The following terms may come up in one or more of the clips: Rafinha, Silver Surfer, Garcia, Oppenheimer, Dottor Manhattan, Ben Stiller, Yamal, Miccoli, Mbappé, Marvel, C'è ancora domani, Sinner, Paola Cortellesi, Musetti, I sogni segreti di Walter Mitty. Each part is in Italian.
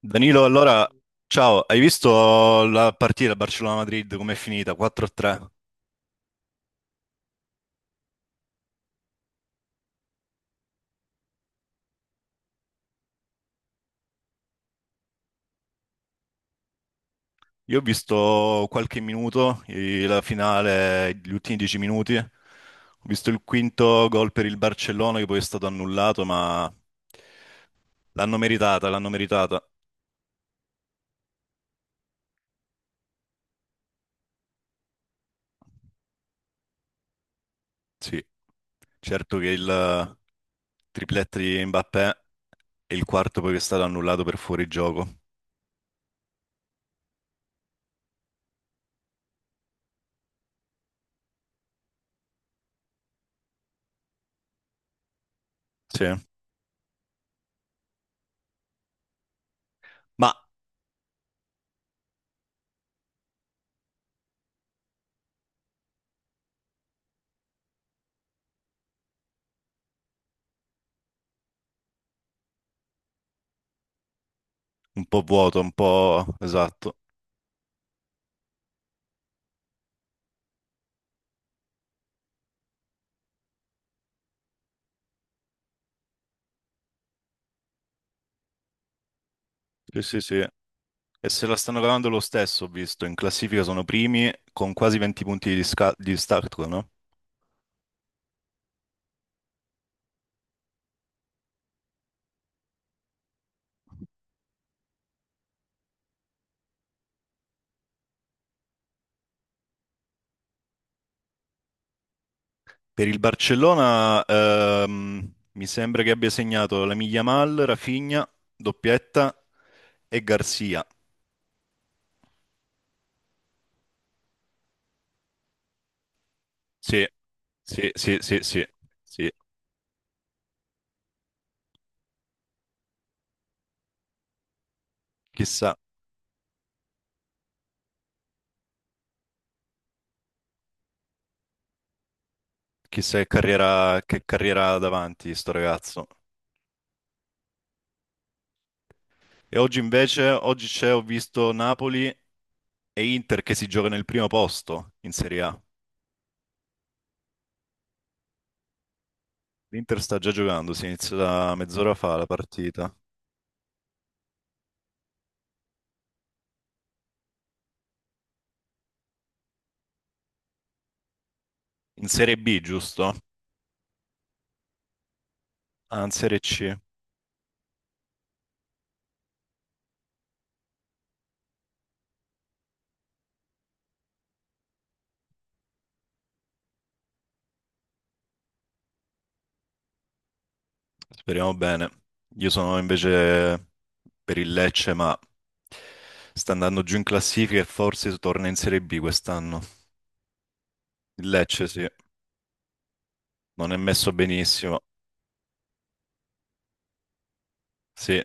Danilo, allora, ciao, hai visto la partita Barcellona-Madrid com'è finita? 4-3. Io ho visto qualche minuto, la finale, gli ultimi 10 minuti. Ho visto il quinto gol per il Barcellona che poi è stato annullato, ma l'hanno meritata, l'hanno meritata. Sì, certo che il tripletto di Mbappé e il quarto poi che è stato annullato per fuorigioco. Sì, ma un po' vuoto, un po' esatto. Sì, sì, sì. E se la stanno cavando lo stesso, ho visto, in classifica sono primi con quasi 20 punti di distacco, no? Per il Barcellona, mi sembra che abbia segnato la Yamal, Rafinha, doppietta e Garcia. Sì, sì, sì, sì, sì, sì. Chissà, chissà che carriera ha davanti sto ragazzo. E oggi invece, ho visto Napoli e Inter che si gioca nel primo posto in Serie A. L'Inter sta già giocando, si inizia da mezz'ora fa la partita. In Serie B, giusto? Ah, in Serie C. Speriamo bene. Io sono invece per il Lecce, ma sta andando giù in classifica e forse torna in Serie B quest'anno. Il Lecce, sì, non è messo benissimo. Sì,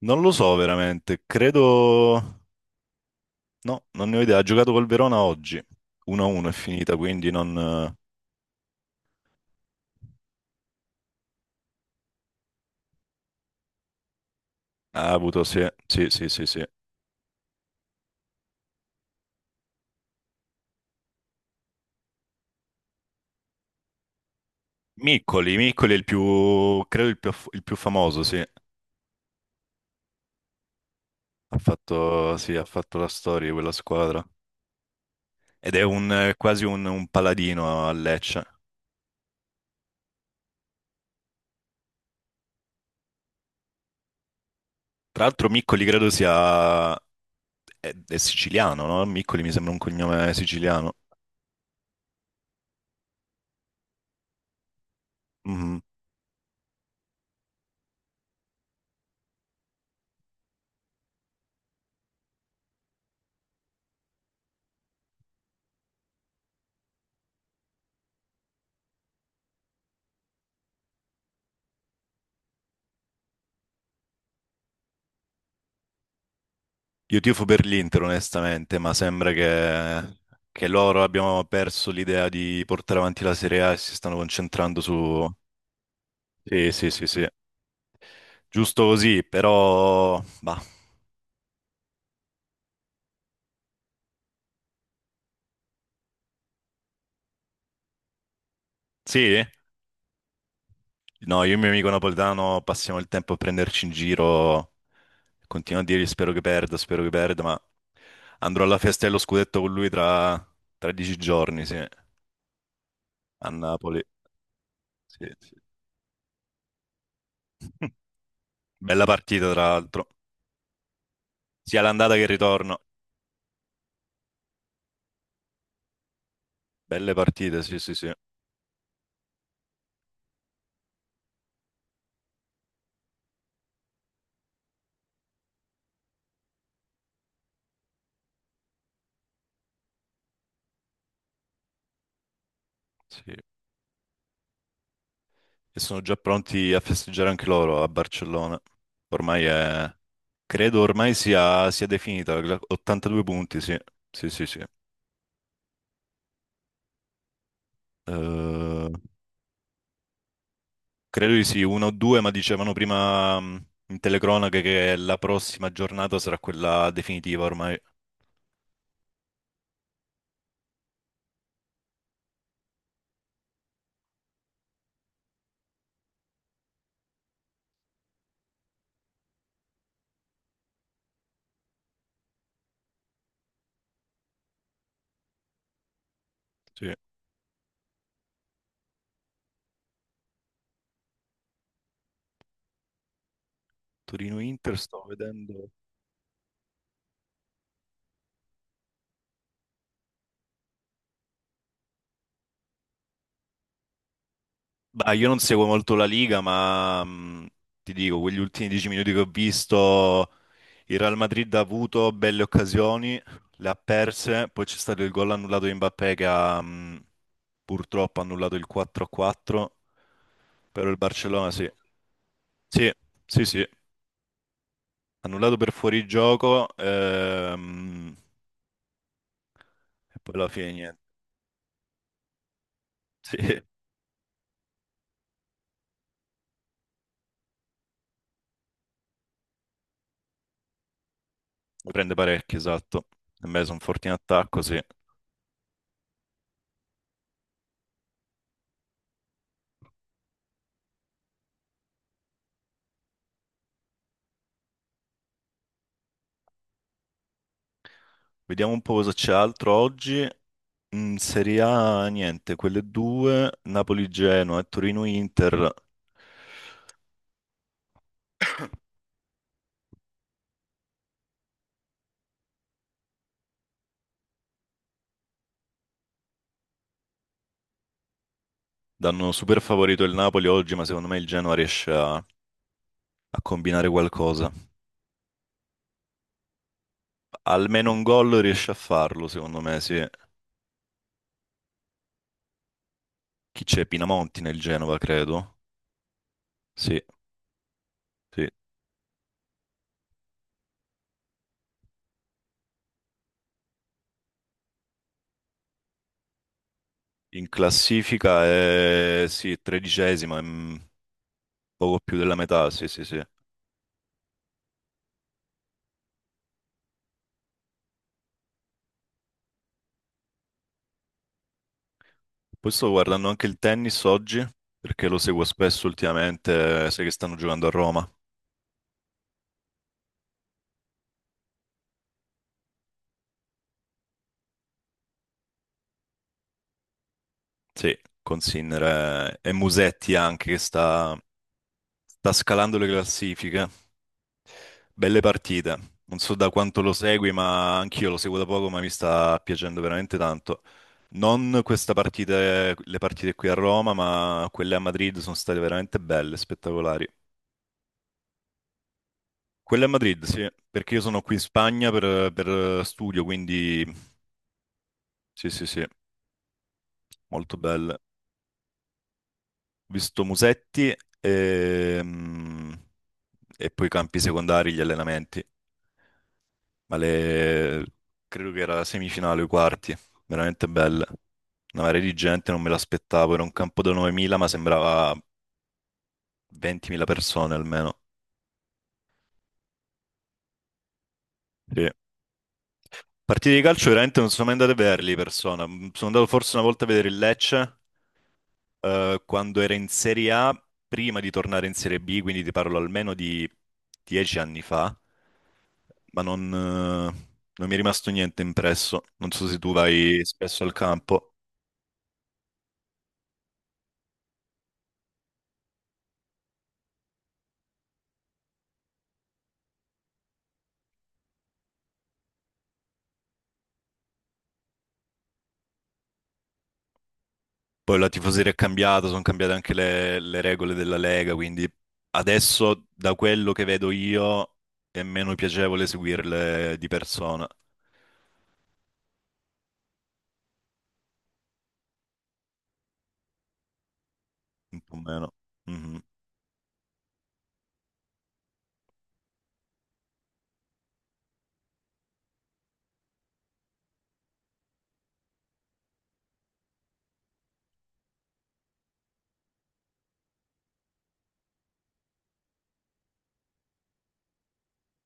non lo so veramente. No, non ne ho idea. Ha giocato col Verona oggi. 1-1 è finita, quindi non... Ha avuto, sì, sì, sì, sì, sì. Miccoli, Miccoli è il più, credo il più famoso, sì. Ha fatto, sì, ha fatto la storia di quella squadra. Ed è quasi un paladino a Lecce. Tra l'altro Miccoli credo è siciliano, no? Miccoli mi sembra un cognome siciliano. Mhm. Io tifo per l'Inter, onestamente, ma sembra che loro abbiano perso l'idea di portare avanti la Serie A e si stanno concentrando su... Sì, sì, sì, sì. Giusto così, però... Bah. Sì? No, io e il mio amico napoletano passiamo il tempo a prenderci in giro. Continuo a dirgli spero che perda, ma andrò alla festa dello scudetto con lui tra 13 giorni, sì, a Napoli. Sì, sì. Bella partita, tra l'altro. Sia l'andata che il ritorno. Belle partite, sì, sì, sì, sì. E sono già pronti a festeggiare anche loro a Barcellona. Ormai è... Credo ormai sia definita, 82 punti, sì, sì, sì, sì. Eh, Credo di sì, uno o due, ma dicevano prima in telecronache che la prossima giornata sarà quella definitiva ormai. Sì. Torino-Inter sto vedendo. Bah, io non seguo molto la Liga, ma ti dico, quegli ultimi 10 minuti che ho visto, il Real Madrid ha avuto belle occasioni, le ha perse, poi c'è stato il gol annullato di Mbappé che ha purtroppo annullato il 4-4, però il Barcellona sì. Sì, sì, sì. Annullato per fuorigioco, e poi alla fine niente. Sì, ne prende parecchio, esatto. E me sono forti in attacco, sì. Vediamo un po' cosa c'è altro oggi. In Serie A, niente, quelle due, Napoli-Genoa e Torino-Inter, danno super favorito il Napoli oggi, ma secondo me il Genoa riesce a combinare qualcosa. Almeno un gol riesce a farlo, secondo me, sì. Chi c'è? Pinamonti nel Genova, credo. Sì, sì. In classifica è sì, tredicesima, poco più della metà, sì, sì, sì. Poi sto guardando anche il tennis oggi, perché lo seguo spesso ultimamente, sai che stanno giocando a Roma. Sì, con Sinner e Musetti anche, che sta scalando le classifiche. Belle partite. Non so da quanto lo segui, ma anch'io lo seguo da poco, ma mi sta piacendo veramente tanto. Non questa partita, le partite qui a Roma, ma quelle a Madrid sono state veramente belle, spettacolari. Quella è a Madrid, sì, perché io sono qui in Spagna per studio, quindi sì, sì, sì, molto bella. Ho visto Musetti e, mm, e poi i campi secondari, gli allenamenti, ma le, credo che era la semifinale o i quarti, veramente bella. Una marea di gente, non me l'aspettavo, era un campo da 9.000, ma sembrava 20.000 persone almeno. Sì. Partite di calcio veramente non sono mai andato a vederli di persona, sono andato forse una volta a vedere il Lecce quando era in Serie A, prima di tornare in Serie B, quindi ti parlo almeno di 10 anni fa, ma non mi è rimasto niente impresso. Non so se tu vai spesso al campo. Poi la tifoseria è cambiata, sono cambiate anche le regole della Lega, quindi adesso da quello che vedo io è meno piacevole seguirle di persona, un po' meno. Mhm.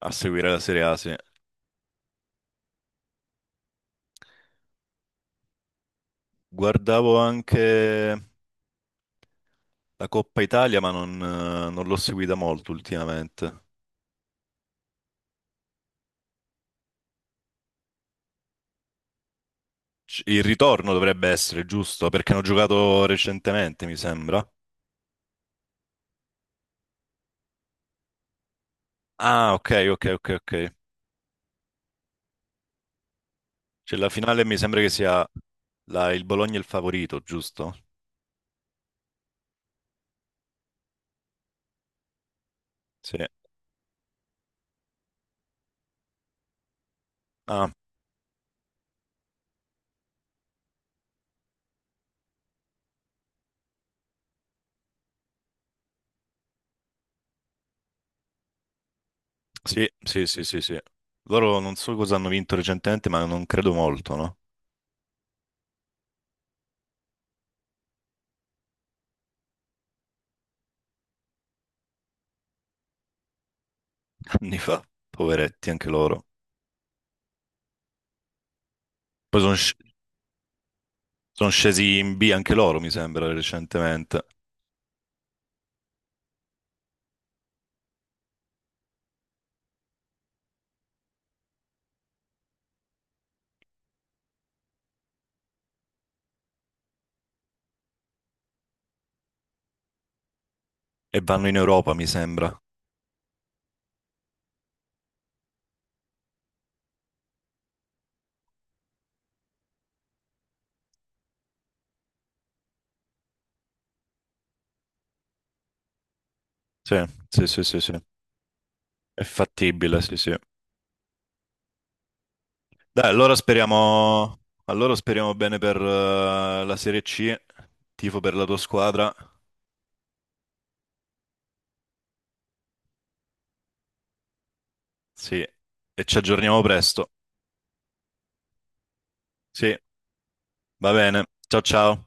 A seguire la Serie A, sì. Guardavo anche. La Coppa Italia, ma non l'ho seguita molto ultimamente. Il ritorno dovrebbe essere, giusto? Perché hanno giocato recentemente, mi sembra. Ah, ok, ok, ok, ok. C'è la finale, mi sembra che sia il Bologna il favorito, giusto? Sì. Ah, sì, sì, sì, sì, sì. Loro non so cosa hanno vinto recentemente, ma non credo molto, no? Anni fa, poveretti anche loro. Poi sono scesi in B anche loro, mi sembra, recentemente. E vanno in Europa, mi sembra. Sì, sì, sì, sì, sì. È fattibile, sì, sì. Dai, allora speriamo bene per la Serie C, tifo per la tua squadra, sì, e ci aggiorniamo presto. Sì, va bene. Ciao ciao.